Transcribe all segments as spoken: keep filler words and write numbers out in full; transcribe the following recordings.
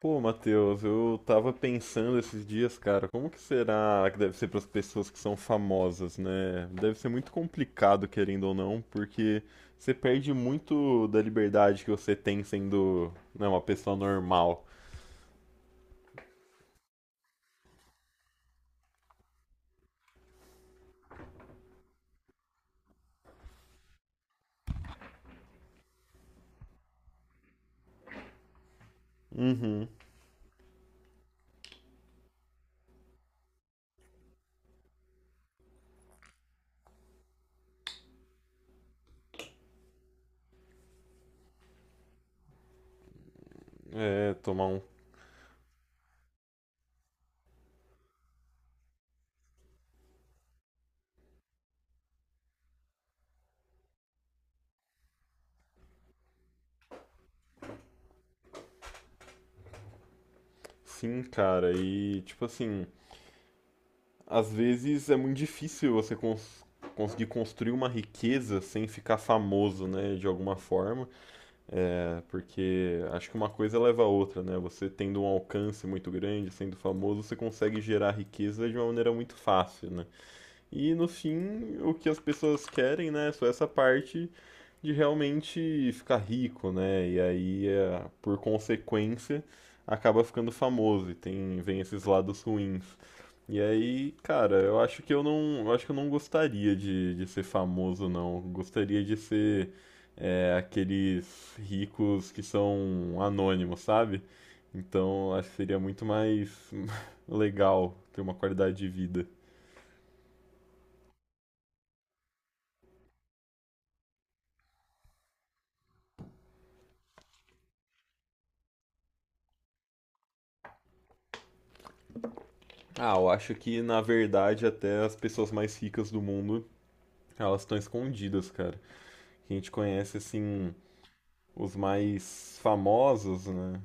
Pô, Matheus, eu tava pensando esses dias, cara, como que será que deve ser para as pessoas que são famosas, né? Deve ser muito complicado, querendo ou não, porque você perde muito da liberdade que você tem sendo, né, uma pessoa normal. É, tomar um sim, cara, e tipo assim, às vezes é muito difícil você cons- conseguir construir uma riqueza sem ficar famoso, né, de alguma forma. É, porque acho que uma coisa leva a outra, né? Você tendo um alcance muito grande, sendo famoso, você consegue gerar riqueza de uma maneira muito fácil, né? E no fim, o que as pessoas querem, né, é só essa parte de realmente ficar rico, né? E aí, é, por consequência, acaba ficando famoso e tem vem esses lados ruins. E aí, cara, eu acho que eu não, eu acho que eu não gostaria de, de ser famoso, não. Gostaria de ser é, aqueles ricos que são anônimos, sabe? Então, acho que seria muito mais legal ter uma qualidade de vida. Ah, eu acho que na verdade até as pessoas mais ricas do mundo, elas estão escondidas, cara. A gente conhece assim os mais famosos, né?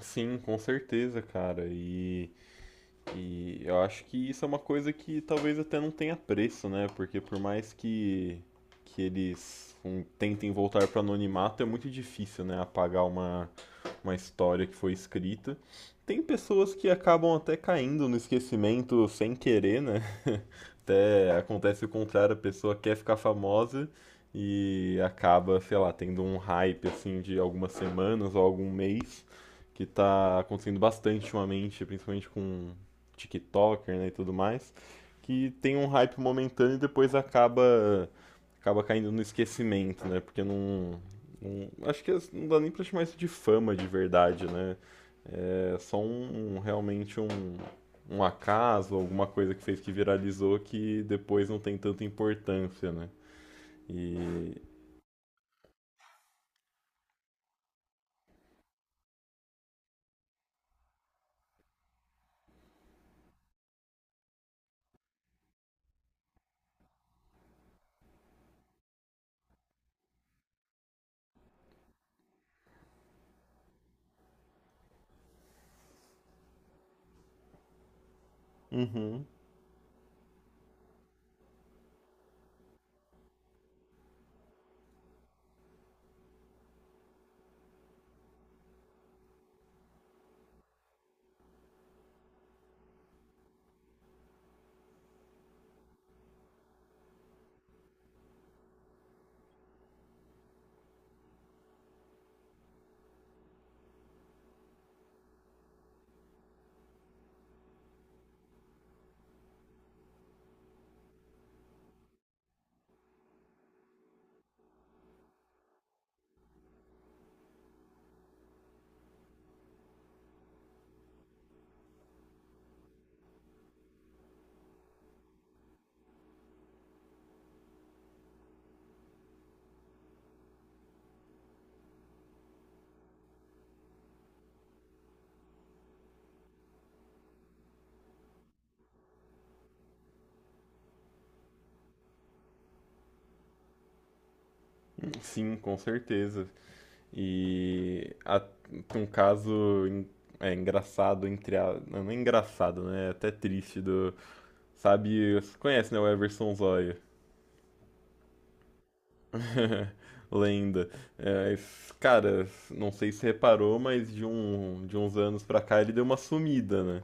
Sim, com certeza, cara. E E eu acho que isso é uma coisa que talvez até não tenha preço, né? Porque por mais que, que eles um, tentem voltar para o anonimato, é muito difícil, né? Apagar uma, uma história que foi escrita. Tem pessoas que acabam até caindo no esquecimento sem querer, né? Até acontece o contrário, a pessoa quer ficar famosa e acaba, sei lá, tendo um hype assim de algumas semanas ou algum mês, que tá acontecendo bastante ultimamente, principalmente com TikToker né, e tudo mais, que tem um hype momentâneo e depois acaba, acaba caindo no esquecimento, né? Porque não, não- Acho que não dá nem pra chamar isso de fama de verdade, né? É só um, um- realmente um, um acaso, alguma coisa que fez que viralizou que depois não tem tanta importância, né? E. Uhum. Sim, com certeza. E a- um caso en- é, engraçado, entre a, não, não é engraçado, né? É até triste do. Sabe, você conhece, né? O Everson Zóia. Lenda. É, esse cara, não sei se reparou, mas de, um, de uns anos pra cá ele deu uma sumida, né?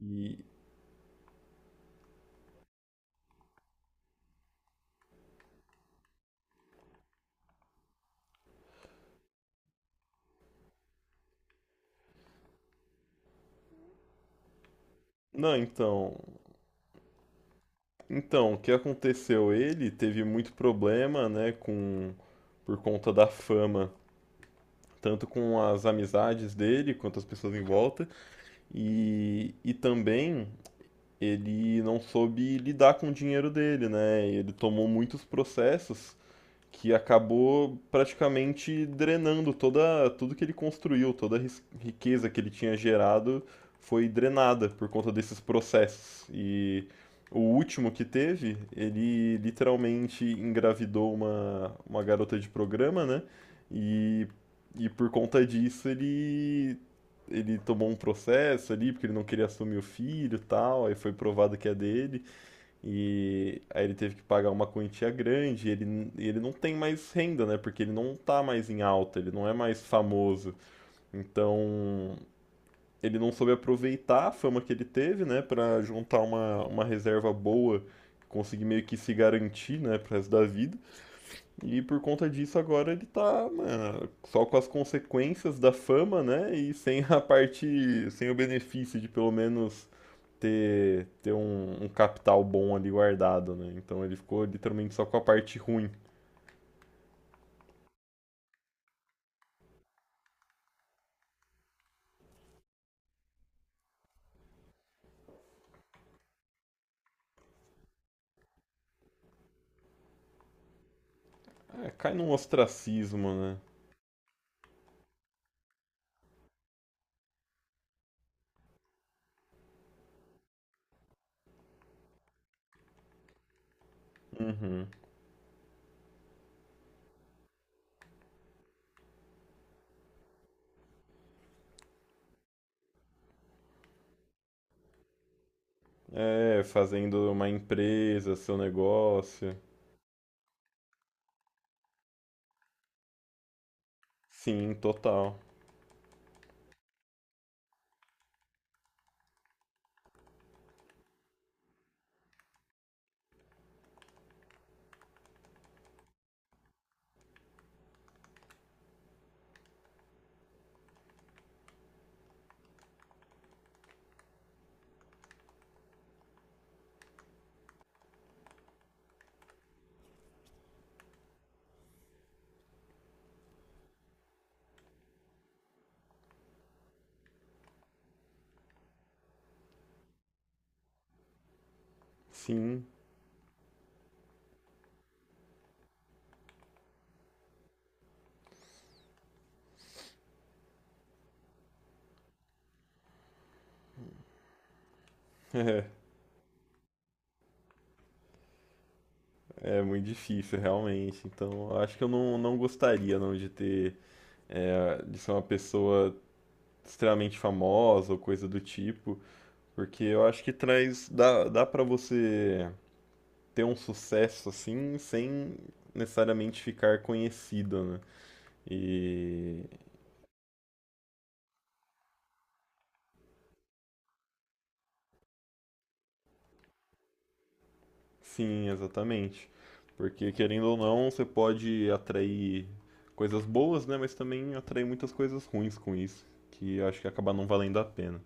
E. Não, então. Então, o que aconteceu? Ele teve muito problema, né? Com, por conta da fama, tanto com as amizades dele quanto as pessoas em volta. E, e também ele não soube lidar com o dinheiro dele, né? Ele tomou muitos processos que acabou praticamente drenando toda, tudo que ele construiu, toda a ris- riqueza que ele tinha gerado foi drenada por conta desses processos. E o último que teve, ele literalmente engravidou uma, uma garota de programa, né? E, e por conta disso ele, ele tomou um processo ali, porque ele não queria assumir o filho e tal, aí foi provado que é dele. E aí ele teve que pagar uma quantia grande, e ele, e ele não tem mais renda, né? Porque ele não tá mais em alta, ele não é mais famoso. Então, ele não soube aproveitar a fama que ele teve, né? Pra juntar uma, uma reserva boa, conseguir meio que se garantir, né? Pro resto da vida. E por conta disso agora ele tá, mano, só com as consequências da fama, né? E sem a parte, sem o benefício de pelo menos ter, ter um, um capital bom ali guardado, né? Então ele ficou literalmente só com a parte ruim. É, cai num ostracismo, né? Uhum. É, fazendo uma empresa, seu negócio. Sim, total. Sim, é, é muito difícil, realmente. Então, eu acho que eu não, não gostaria, não, de ter, é, de ser uma pessoa extremamente famosa ou coisa do tipo, porque eu acho que traz, dá, dá para você ter um sucesso assim, sem necessariamente ficar conhecido, né? E sim, exatamente. Porque querendo ou não, você pode atrair coisas boas, né? Mas também atrair muitas coisas ruins com isso, que eu acho que acaba não valendo a pena.